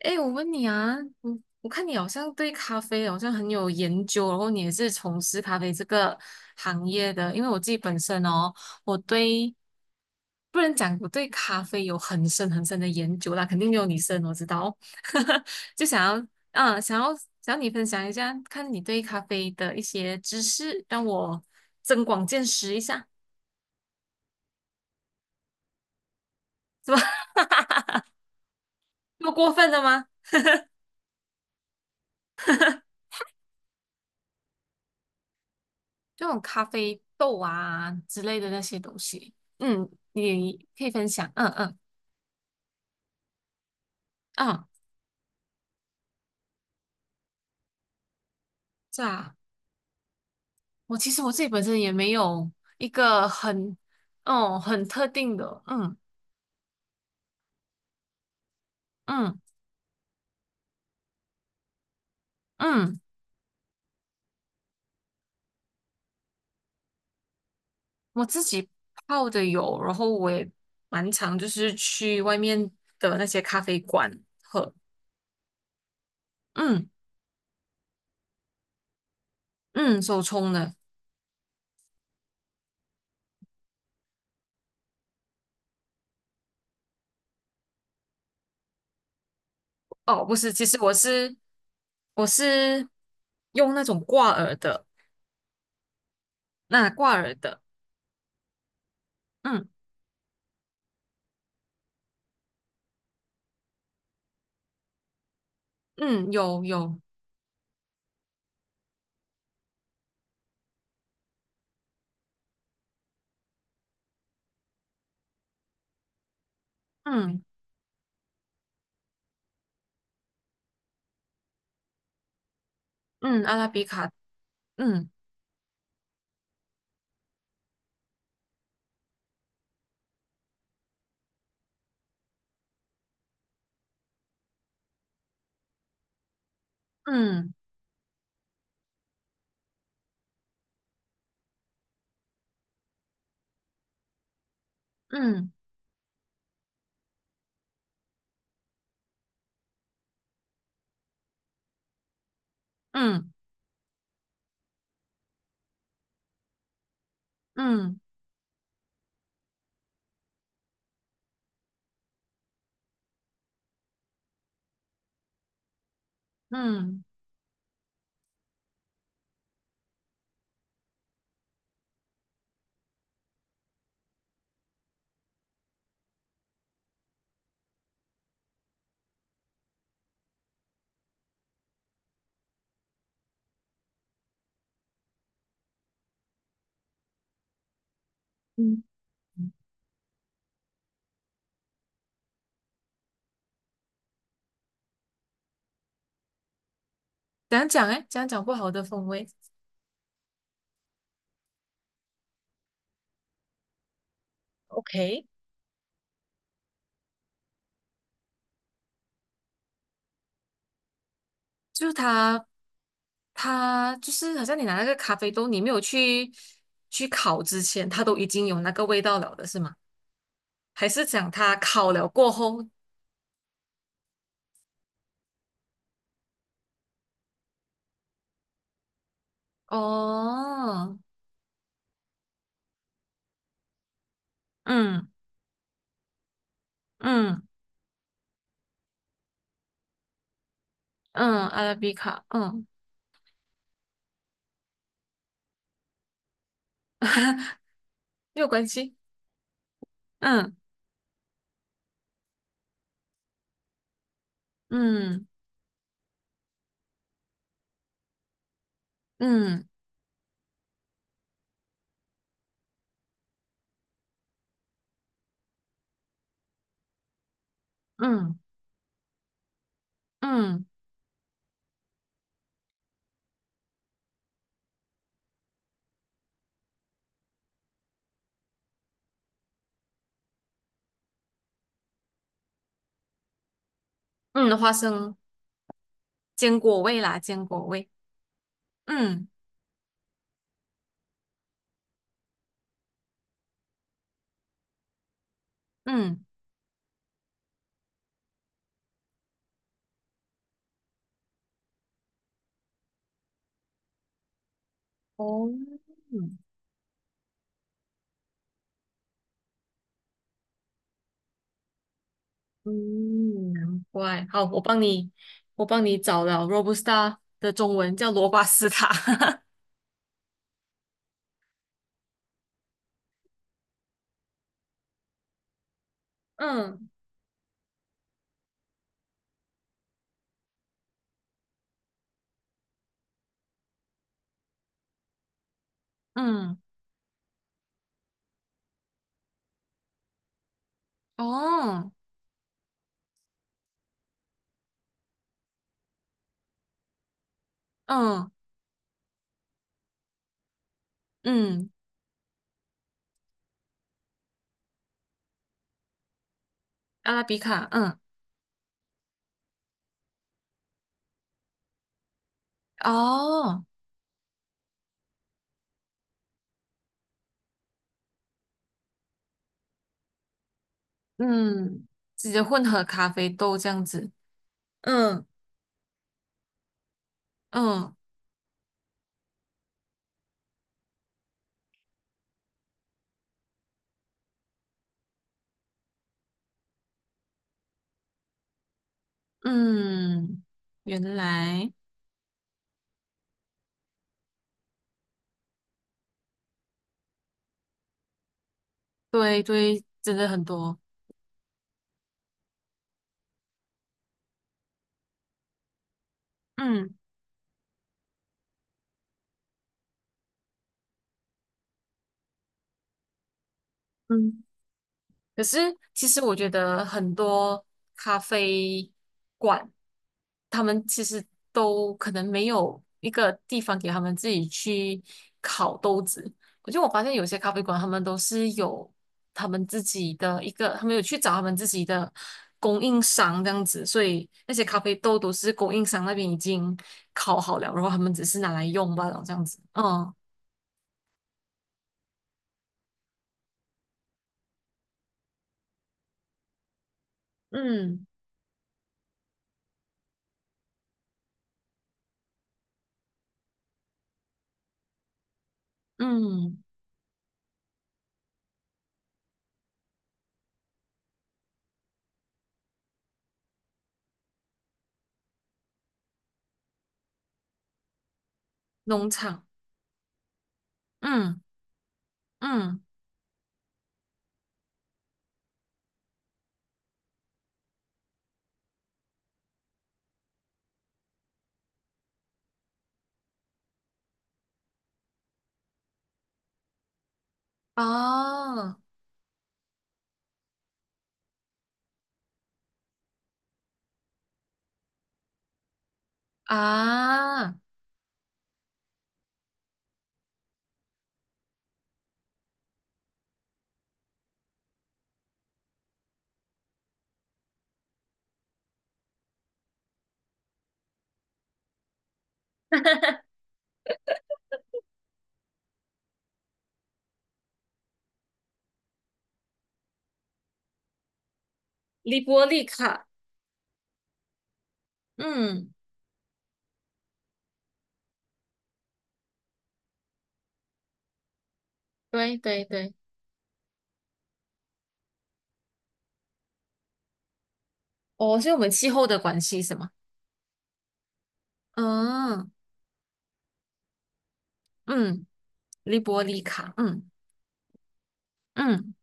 哎，我问你啊，我看你好像对咖啡好像很有研究，然后你也是从事咖啡这个行业的。因为我自己本身哦，我对不能讲我对咖啡有很深的研究啦，肯定没有你深，我知道。就想要嗯，想要你分享一下，看你对咖啡的一些知识，让我增广见识一下，是吧？这么过分的吗？这种咖啡豆啊之类的那些东西，嗯，你可以分享，嗯嗯嗯，是啊，我其实我自己本身也没有一个很，哦，很特定的，嗯嗯嗯，我自己泡的有，然后我也蛮常就是去外面的那些咖啡馆喝，嗯嗯，手冲的，哦，不是，其实我是用那种挂耳的，那挂耳的。嗯。嗯，有有，嗯嗯，阿拉比卡，嗯嗯嗯嗯嗯嗯嗯，讲讲不好的风味，OK，就是它就是好像你拿那个咖啡豆，你没有去去烤之前，它都已经有那个味道了的是吗？还是讲它烤了过后？哦，嗯嗯嗯，阿拉比卡，嗯，没有关系，嗯嗯嗯嗯嗯嗯，花生坚果味啦，坚果味。嗯嗯，哦，嗯，嗯，难怪。好，我帮你，我帮你找了 Robusta 的中文叫罗巴斯塔。嗯嗯，哦，嗯嗯，阿拉比卡，嗯，哦，嗯，直接混合咖啡豆这样子。嗯嗯嗯，原来，对对，真的很多。嗯嗯。可是其实我觉得很多咖啡馆，他们其实都可能没有一个地方给他们自己去烤豆子。我发现有些咖啡馆，他们都是有他们自己的一个，他们有去找他们自己的供应商这样子，所以那些咖啡豆都是供应商那边已经烤好了，然后他们只是拿来用罢了这样子。嗯嗯嗯，农场，嗯嗯，哦。啊，利波利卡，嗯，对对对，哦，所以我们气候的关系是吗？嗯嗯，利波利卡，嗯嗯，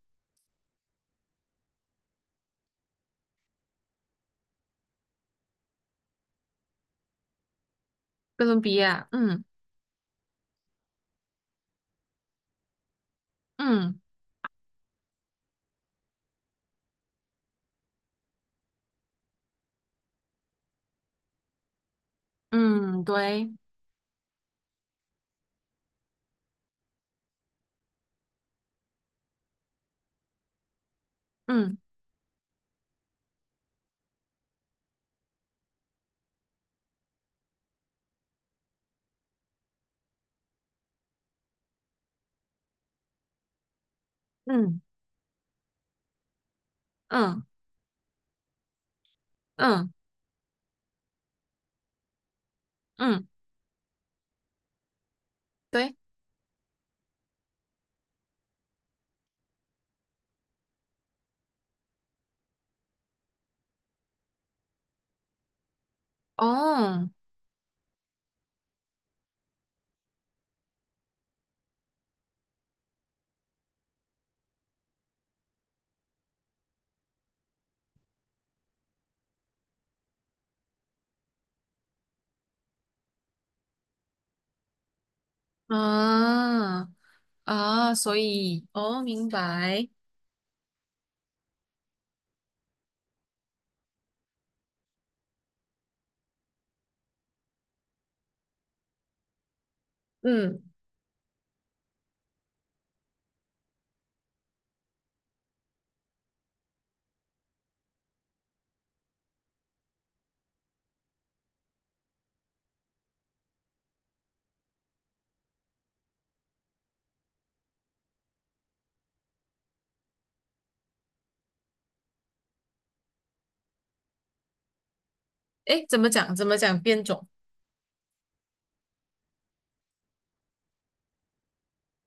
哥伦比亚，嗯嗯嗯，对，嗯嗯嗯嗯嗯，对，哦，啊啊，所以哦，明白，嗯，诶，怎么讲？怎么讲变种？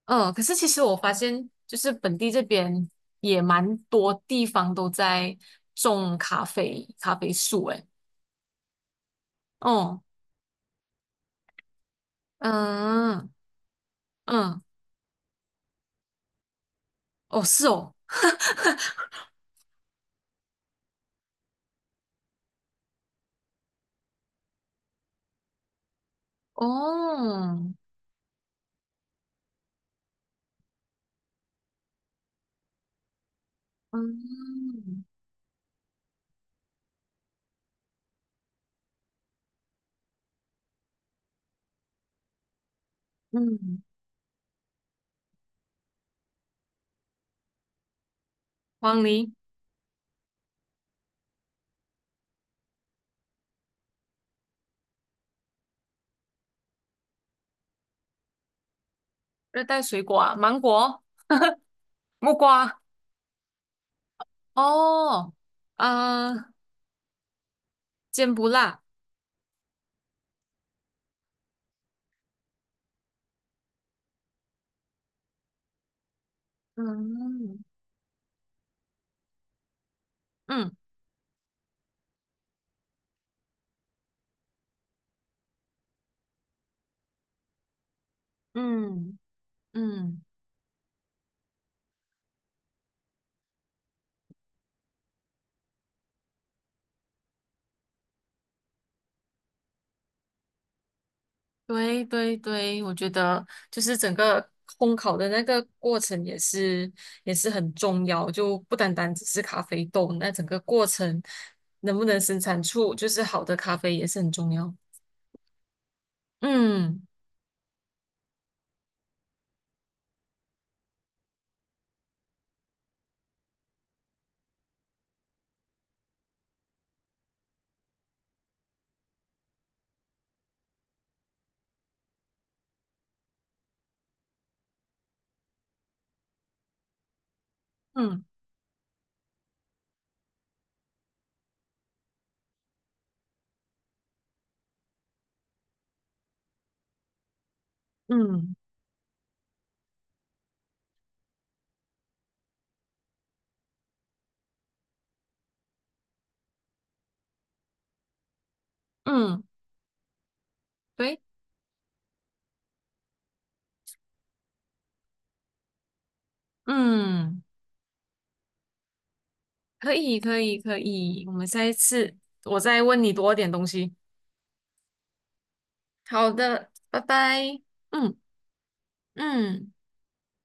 嗯，可是其实我发现，就是本地这边也蛮多地方都在种咖啡树，诶，哦，嗯嗯，哦是哦，哦，嗯嗯，黄梨、热带水果啊，芒果、木瓜，哦，啊，坚不辣，嗯嗯嗯嗯。对对对，我觉得就是整个烘烤的那个过程也是很重要，就不单单只是咖啡豆，那整个过程能不能生产出就是好的咖啡也是很重要。嗯嗯嗯嗯，对，嗯，可以可以可以，我们下一次我再问你多点东西。好的，拜拜。嗯嗯。